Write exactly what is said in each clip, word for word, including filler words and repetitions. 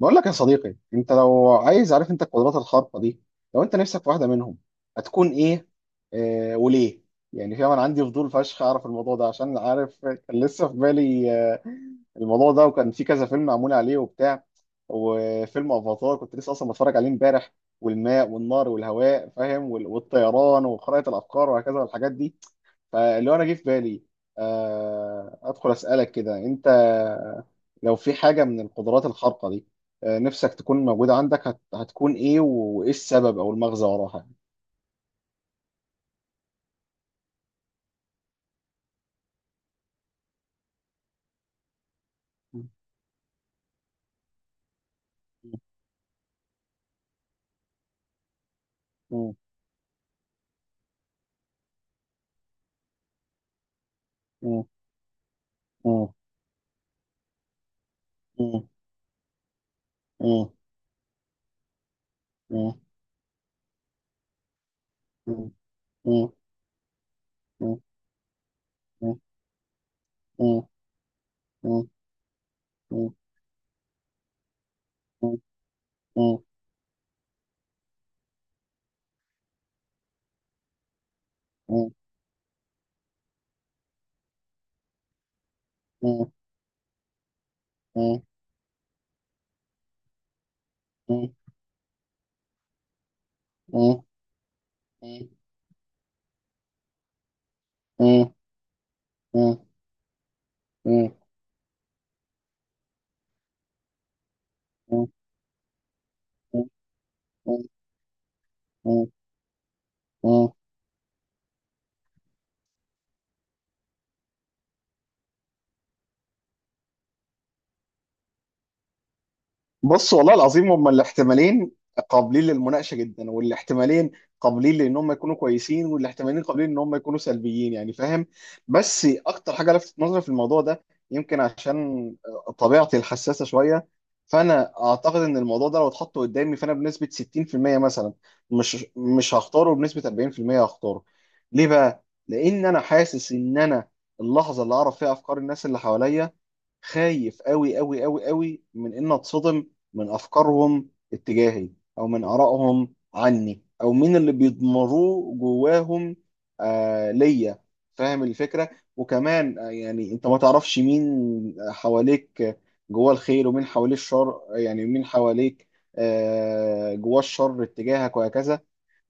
بقول لك يا صديقي، انت لو عايز عارف انت القدرات الخارقه دي، لو انت نفسك في واحده منهم هتكون ايه؟ آه، وليه؟ يعني فاهم، انا عندي فضول فشخ اعرف الموضوع ده عشان عارف كان لسه في بالي آه الموضوع ده، وكان في كذا فيلم معمول عليه وبتاع، وفيلم افاتار كنت لسه اصلا بتفرج عليه امبارح، والماء والنار والهواء فاهم، وال- والطيران وخرائط الافكار وهكذا والحاجات دي. فاللي هو انا جه في بالي، آه، ادخل اسالك كده انت، لو في حاجه من القدرات الخارقه دي آه، نفسك تكون موجوده عندك هت- هتكون ايه وايه السبب او المغزى وراها؟ يعني. مم. مم. مم. مم. مم. مم. مم. مم. مم. مم. مم. مم. مم. مم. مم. مم. مم. مم. مم. مم. مم. مم. مم. مم. مم. مم. مم. بص، والله العظيم هما الاحتمالين قابلين للمناقشه جدا، والاحتمالين قابلين لان هم يكونوا كويسين، والاحتمالين قابلين ان هم يكونوا سلبيين، يعني فاهم. بس اكتر حاجه لفتت نظري في الموضوع ده يمكن عشان طبيعتي الحساسه شويه، فانا اعتقد ان الموضوع ده لو اتحط قدامي فانا بنسبه ستين في المية مثلا مش مش هختاره، بنسبه اربعين في المية هختاره. ليه بقى؟ لان انا حاسس ان انا اللحظه اللي اعرف فيها افكار الناس اللي حواليا خايف قوي قوي قوي قوي من ان اتصدم من افكارهم اتجاهي، او من ارائهم عني، او من اللي بيضمروه جواهم آه ليا، فاهم الفكره. وكمان آه، يعني انت ما تعرفش مين حواليك جواه الخير، ومين حواليه الشر، يعني مين حواليك آه، جواه الشر اتجاهك، وهكذا.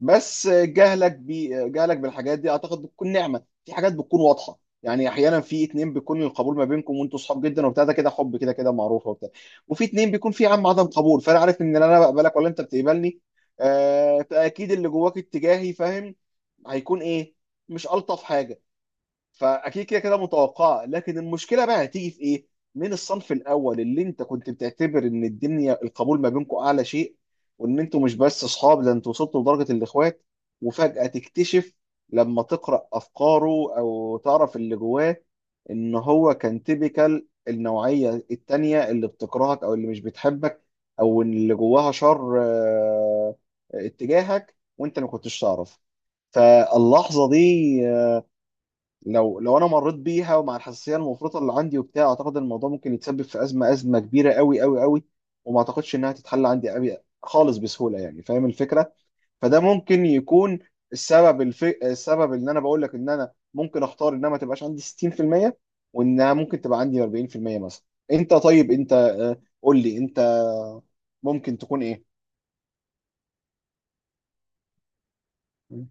بس جهلك بي جهلك بالحاجات دي اعتقد بتكون نعمه، في حاجات بتكون واضحه يعني، احيانا في اتنين بيكون القبول ما بينكم وانتوا صحاب جدا وبتاع، ده كده حب كده كده معروفه وبتاع، وفي اتنين بيكون في عم عدم قبول، فانا عارف ان لا انا بقبلك ولا انت بتقبلني، آه، فاكيد اللي جواك اتجاهي فاهم هيكون ايه؟ مش الطف حاجه، فاكيد كده كده متوقعه. لكن المشكله بقى هتيجي في ايه؟ من الصنف الاول اللي انت كنت بتعتبر ان الدنيا القبول ما بينكم اعلى شيء، وان انتوا مش بس اصحاب، ده انتوا وصلتوا لدرجه الاخوات، وفجاه تكتشف لما تقرا افكاره او تعرف اللي جواه ان هو كان تيبيكال النوعيه التانيه اللي بتكرهك او اللي مش بتحبك، او إن اللي جواها شر آه، اتجاهك وانت ما كنتش تعرف. فاللحظه دي لو لو انا مريت بيها ومع الحساسيه المفرطه اللي عندي وبتاع، اعتقد الموضوع ممكن يتسبب في ازمه ازمه كبيره قوي قوي قوي، وما اعتقدش انها تتحل عندي قوي خالص بسهوله، يعني فاهم الفكره. فده ممكن يكون السبب الف... السبب ان انا بقول لك ان انا ممكن اختار انها ما تبقاش عندي ستين في المية، وانها ممكن تبقى عندي اربعين في المية مثلا. انت، طيب انت آه، قول لي انت ممكن تكون ايه؟ م-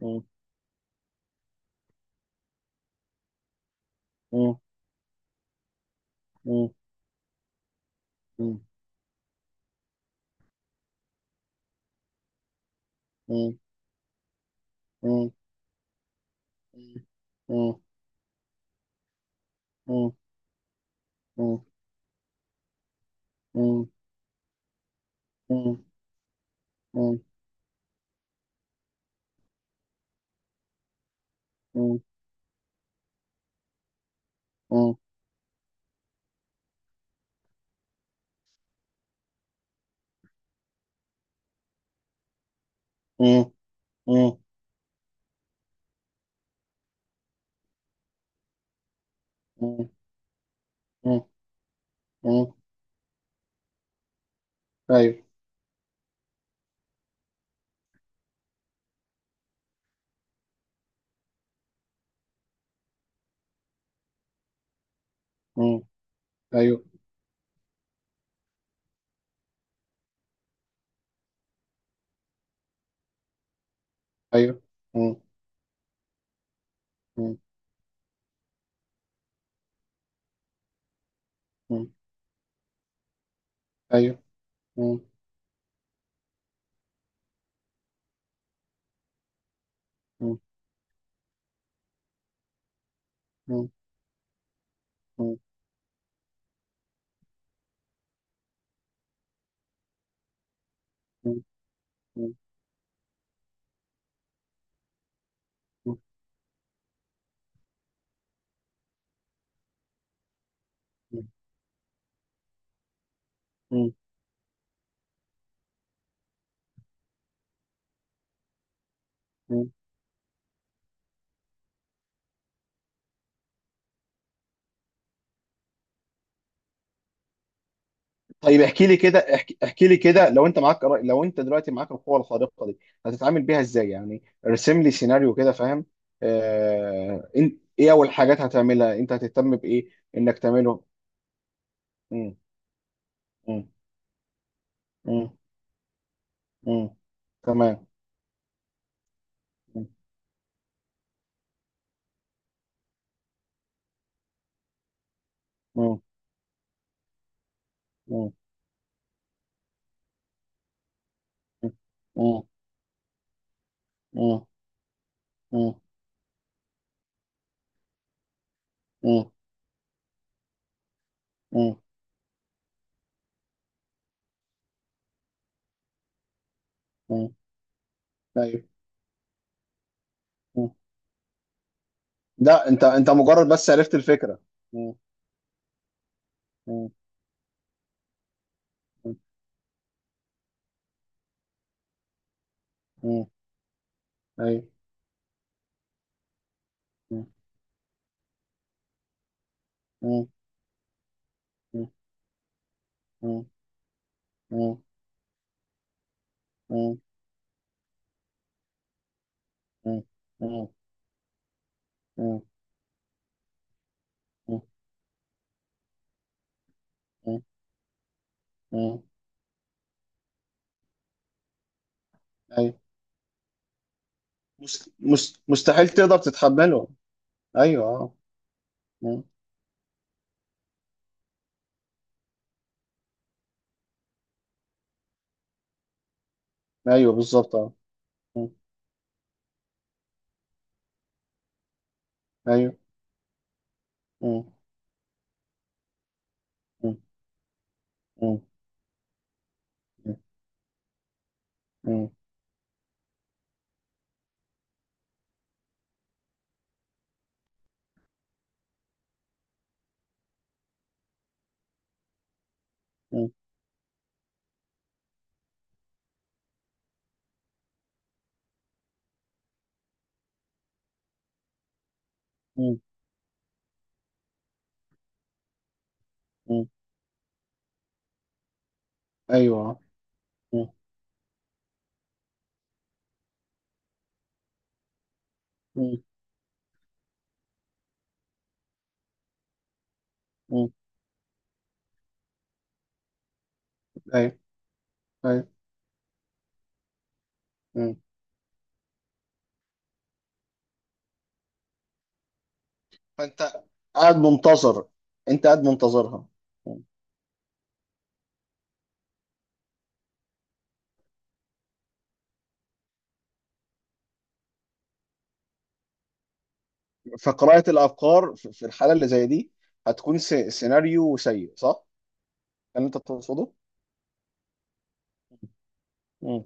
م- م- م- م- م- م- م- م- م- م- م- مم. مم. مم. مم. مم. مم. مم. مم. ايوه. مم. ايوه ايوه. مم. مم. مم. ايوه. مم. مم. مم. مم. مم. مم. مم. مم. طيب احكي لي كده، احكي احكي لي كده، لو انت معاك لو انت دلوقتي معاك القوة الخارقة دي هتتعامل بيها ازاي؟ يعني ارسم لي سيناريو كده فاهم. آه... إن- ايه اول حاجات هتعملها؟ انت هتهتم بايه؟ انك تعمله. مم. مم. مم. مم. تمام. مم. مم. مم. مم. مم. مم. مم. مم. ايوه. مم. لا، انت انت مجرد بس عرفت الفكره. مم. مم. مم. مم. ايوه. مم. مم. مم. مم. مم. مم. مم. مم. مم. مم. مم. ايوه. مست... مست... مستحيل تقدر تتحمله. ايوه اه. مم. ايوه بالظبط اه. مم. ايوه. مم. مم. مم. مم. مم. مم. مم. ايوه آه. مم. مم. مم. ايوه ايوه. مم. فانت قاعد منتظر، انت قاعد منتظرها. مم. فقراءة الافكار في في الحالة اللي زي دي هتكون س- سيناريو سيء صح؟ ده اللي انت تقصده؟ مم.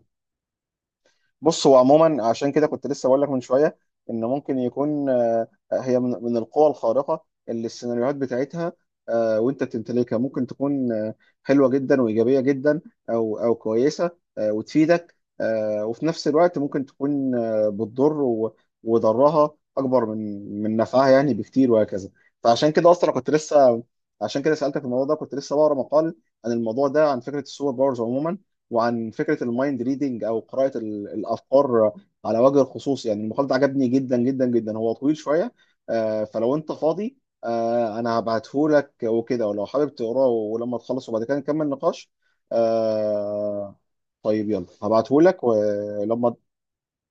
بص، هو عموما عشان كده كنت لسه بقول لك من شويه ان ممكن يكون آه، هي من من القوى الخارقه اللي السيناريوهات بتاعتها آه، وانت بتمتلكها ممكن تكون آه، حلوه جدا وايجابيه جدا، او او كويسه آه، وتفيدك، آه، وفي نفس الوقت ممكن تكون آه، بتضر و- وضرها اكبر من من نفعها يعني بكتير وهكذا. فعشان كده اصلا كنت لسه عشان كده سالتك الموضوع ده، كنت لسه بقرا مقال عن الموضوع ده، عن فكره السوبر باورز عموما، وعن فكره المايند ريدنج او قراءه ال- الافكار على وجه الخصوص. يعني المقال ده عجبني جدا جدا جدا، هو طويل شويه آه، فلو انت فاضي آه، انا هبعته لك وكده، ولو حابب تقراه ولما تخلص وبعد كده نكمل نقاش آه، طيب يلا، هبعته لك ولما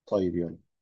طيب يلا.